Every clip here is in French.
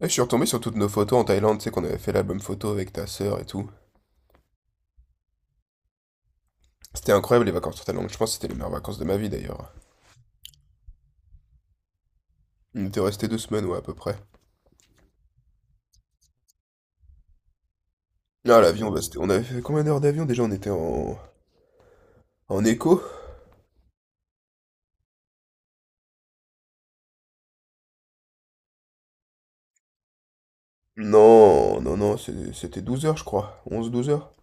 Et je suis retombé sur toutes nos photos en Thaïlande, tu sais qu'on avait fait l'album photo avec ta sœur et tout. C'était incroyable les vacances en Thaïlande, je pense que c'était les meilleures vacances de ma vie d'ailleurs. On était resté 2 semaines, ouais, à peu près. Ah, l'avion, bah, on avait fait combien d'heures d'avion déjà? On était en écho? Non, non, non, c'était 12 heures, je crois. 11, 12 heures?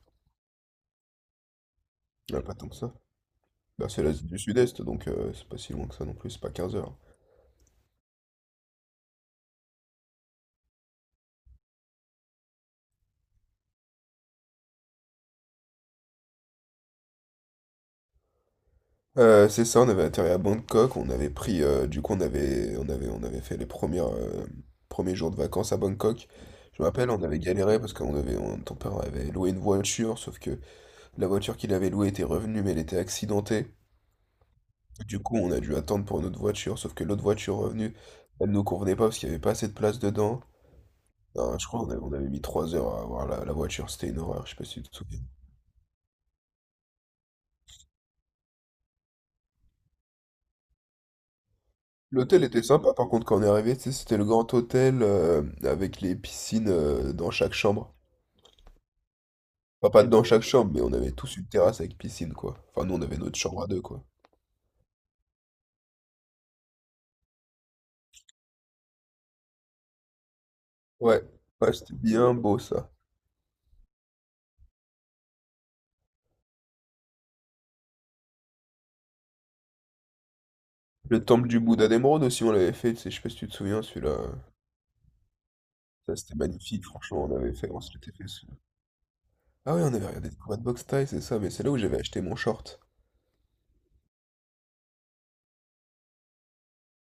Ouais, pas tant que ça. Bah, c'est l'Asie du Sud-Est, donc c'est pas si loin que ça non plus, c'est pas 15 heures. C'est ça, on avait atterri à Bangkok, on avait pris, du coup on avait fait les premiers jours de vacances à Bangkok. Je me rappelle, on avait galéré parce qu'ton père avait loué une voiture, sauf que la voiture qu'il avait louée était revenue, mais elle était accidentée. Du coup, on a dû attendre pour une autre voiture, sauf que l'autre voiture revenue, elle nous convenait pas parce qu'il y avait pas assez de place dedans. Non, je crois qu'on avait mis 3 heures à avoir la voiture, c'était une horreur, je sais pas si tu te souviens. L'hôtel était sympa par contre quand on est arrivé, tu sais, c'était le grand hôtel avec les piscines dans chaque chambre. Enfin pas dans chaque chambre, mais on avait tous une terrasse avec piscine, quoi. Enfin nous on avait notre chambre à deux, quoi. Ouais, ouais, c'était bien beau, ça. Le temple du Bouddha d'émeraude aussi on l'avait fait, tu sais, je sais pas si tu te souviens celui-là. Ça c'était magnifique, franchement, on avait fait, on se l'était fait. Ah oui, on avait regardé des combats de boxe thaï, c'est ça, mais c'est là où j'avais acheté mon short.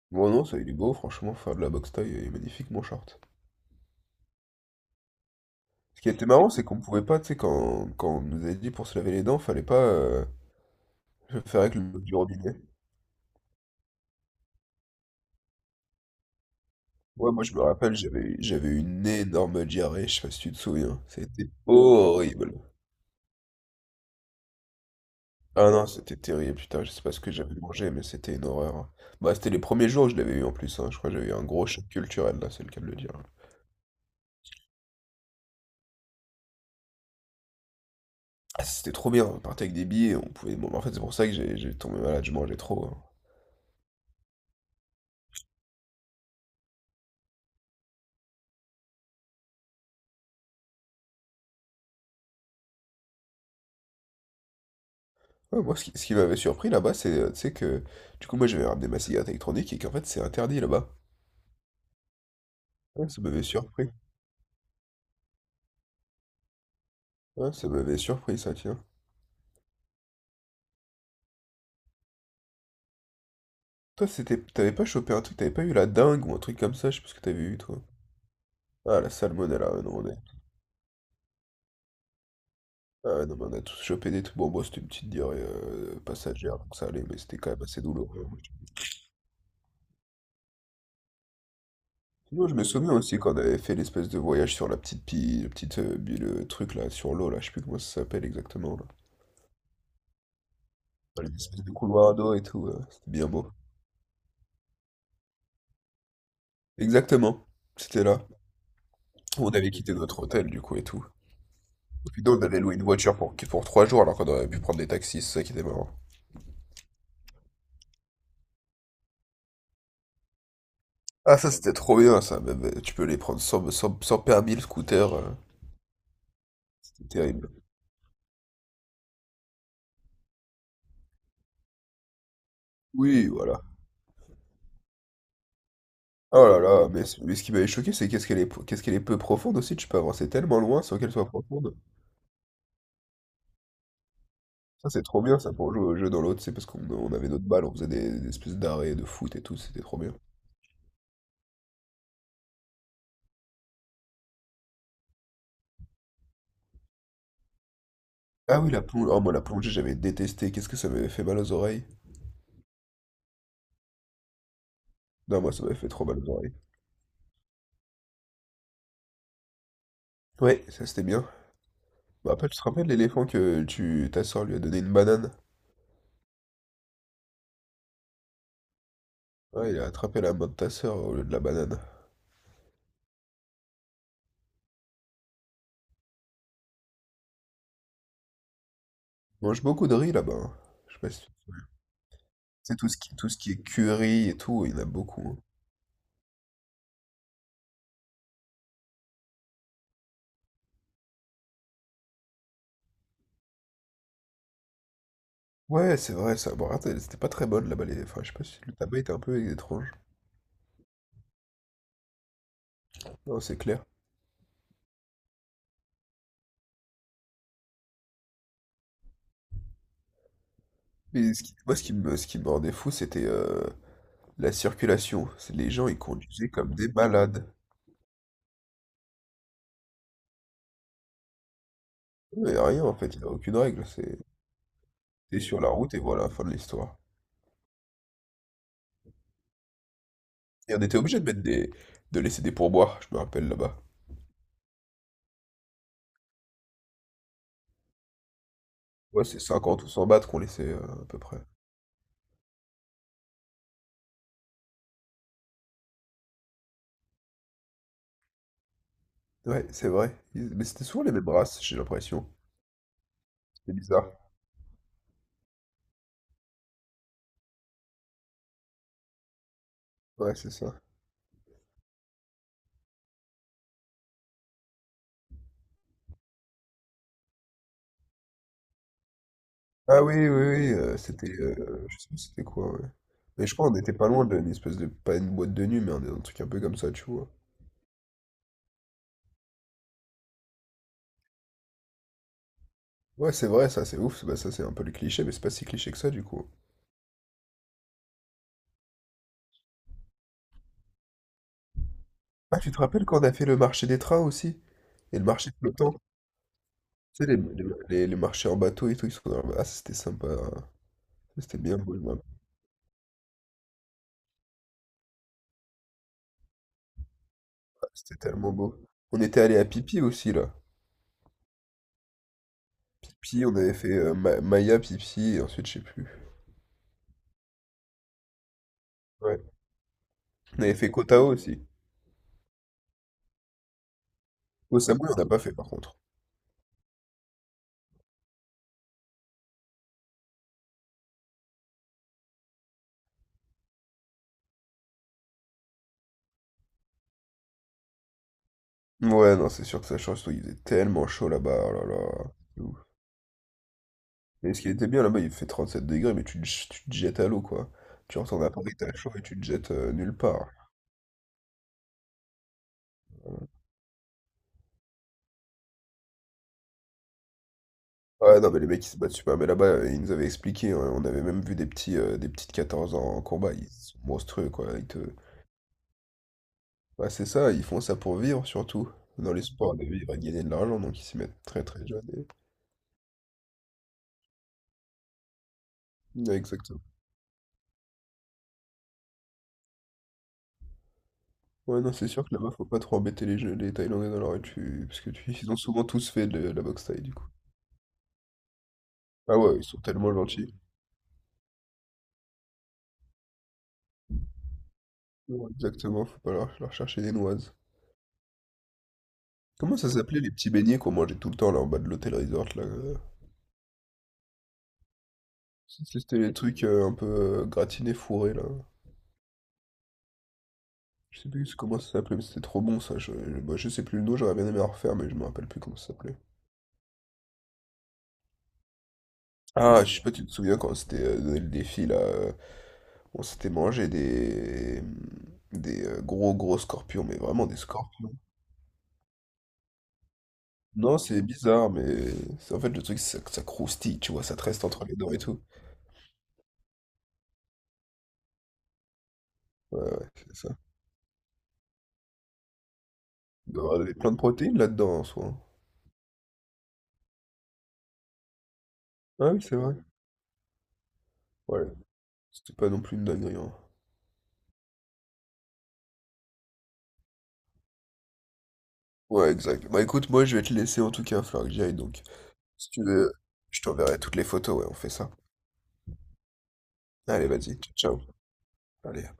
Bon non, ça il est beau franchement, faire de la boxe thaï, il est magnifique, mon short. Ce qui était marrant, c'est qu'on pouvait pas, tu sais, quand on nous avait dit pour se laver les dents, fallait pas le faire avec l'eau du robinet. Ouais, moi je me rappelle, j'avais une énorme diarrhée, je sais pas si tu te souviens. C'était horrible. Ah non, c'était terrible, putain, je sais pas ce que j'avais mangé, mais c'était une horreur. Bah, c'était les premiers jours où je l'avais eu en plus, hein. Je crois que j'avais eu un gros choc culturel, là, c'est le cas de le dire. Ah, c'était trop bien, on partait avec des billets, on pouvait... Bon, en fait, c'est pour ça que j'ai tombé malade, je mangeais trop, hein. Ouais, moi, ce qui m'avait surpris là-bas, c'est, tu sais, que... Du coup, moi, j'avais ramené ma cigarette électronique et qu'en fait, c'est interdit là-bas. Ouais, ça m'avait surpris. Ouais, ça m'avait surpris, ça, tiens. Toi, c'était, t'avais pas chopé un truc, t'avais pas eu la dingue ou un truc comme ça, je sais pas ce que t'avais eu, toi. Ah, la salmonella, ouais, non, on est... Ah, non, mais on a tous chopé des trucs. Bon, moi, c'était une petite diarrhée passagère, donc ça allait, mais c'était quand même assez douloureux, hein. Sinon, je me souviens aussi quand on avait fait l'espèce de voyage sur la petite pile, le truc là, sur l'eau, là, je sais plus comment ça s'appelle exactement, là. Dans les espèces de couloirs d'eau et tout, c'était bien beau. Exactement, c'était là. On avait quitté notre hôtel, du coup, et tout. Puis nous, on avait loué une voiture pour 3 jours alors qu'on aurait pu prendre des taxis, c'est ça qui était marrant. Ah, ça c'était trop bien, ça, même, tu peux les prendre sans permis le scooter, c'est terrible. Oui, voilà. Oh là là, mais, mais ce qui m'avait choqué, c'est qu'est-ce qu'elle est peu profonde aussi, tu peux avancer tellement loin sans qu'elle soit profonde. Ça c'est trop bien, ça, pour jouer au jeu dans l'autre, c'est parce qu'on avait notre balle, on faisait des espèces d'arrêts de foot et tout, c'était trop bien. Ah oui, la plonge oh moi la plongée j'avais détesté, qu'est-ce que ça m'avait fait mal aux oreilles? Non, moi ça m'avait fait trop mal aux oreilles. Ouais, ça c'était bien. Bah, après, tu te rappelles l'éléphant ta soeur lui a donné une banane? Ouais, il a attrapé la main de ta soeur au lieu de la banane. On mange beaucoup de riz là-bas, hein. Je sais pas si tu sais, tout ce qui est curry et tout, il y en a beaucoup, hein. Ouais, c'est vrai, ça. Bon, attends, c'était pas très bonne là-bas. Enfin, je sais pas si le tabac était un peu étrange. Non, c'est clair. Mais moi, ce qui me rendait fou, c'était la circulation. C'est les gens, ils conduisaient comme des malades. Il n'y a rien en fait, il n'y a aucune règle. C'est T'es sur la route et voilà, fin de l'histoire. Et on était obligé de mettre de laisser des pourboires, je me rappelle là-bas. Ouais, c'est 50 ou 100 bahts qu'on laissait, à peu près. Ouais, c'est vrai. Ils Mais c'était souvent les mêmes races, j'ai l'impression. C'est bizarre. Ouais, c'est ça. Ah oui, oui, oui, c'était, je sais plus c'était quoi, ouais. Mais je crois on n'était pas loin d'une espèce de pas une boîte de nuit, mais un truc un peu comme ça, tu vois? Ouais, c'est vrai ça, c'est ouf, bah, ça c'est un peu le cliché, mais c'est pas si cliché que ça, du coup. Ah, tu te rappelles quand on a fait le marché des trains aussi? Et le marché flottant? Tu sais les marchés en bateau et tout, ils sont ah, c'était sympa, hein. C'était bien beau, je me rappelle, c'était tellement beau. On était allé à Pipi aussi, là. Pipi, on avait fait Maya, Pipi, et ensuite je sais plus. Ouais. On avait fait Kotao aussi. Osamui, on n'a pas fait par contre. Ouais, non, c'est sûr que ça change tout. Il faisait tellement chaud là-bas, oh là là, c'est ouf. Mais ce qui était bien là-bas, il fait 7 degrés, mais tu te jettes à l'eau, quoi. Tu retournes à Paris, t'as chaud et tu te jettes nulle part. Ouais, non, mais les mecs, ils se battent super. Mais là-bas, ils nous avaient expliqué, hein, on avait même vu des petits, des petits de 14 ans en combat. Ils sont monstrueux, quoi. Ouais, c'est ça, ils font ça pour vivre, surtout. Dans les sports, de vivre et de gagner de l'argent, donc ils s'y mettent très très jeunes. Ouais, exactement. Ouais, non, c'est sûr que là-bas, faut pas trop embêter les Thaïlandais dans leur étude, parce que ils ont souvent tous fait de la boxe thaï, du coup. Ah ouais, ils sont tellement gentils. Ouais, exactement, faut pas leur chercher des noises. Comment ça s'appelait les petits beignets qu'on mangeait tout le temps là en bas de l'hôtel resort là? C'était les trucs un peu gratinés, fourrés là. Je sais plus comment ça s'appelait, mais c'était trop bon ça. Bah, je sais plus le nom, j'aurais bien aimé en refaire, mais je me rappelle plus comment ça s'appelait. Ah, je sais pas, tu te souviens quand c'était donné le défi là. On s'était mangé des gros gros scorpions, mais vraiment des scorpions. Non, c'est bizarre, mais en fait le truc c'est que ça croustille, tu vois, ça te reste entre les dents et tout. Ouais, ouais, c'est ça. Il doit y avoir plein de protéines là-dedans en soi, hein. Ah oui, c'est vrai. Ouais, c'était pas non plus une dinguerie, hein. Ouais, exact. Bah écoute, moi je vais te laisser en tout cas, il va falloir que j'y aille, donc. Si tu veux, je t'enverrai toutes les photos, ouais, on fait ça. Allez, vas-y, ciao. Ciao. Allez.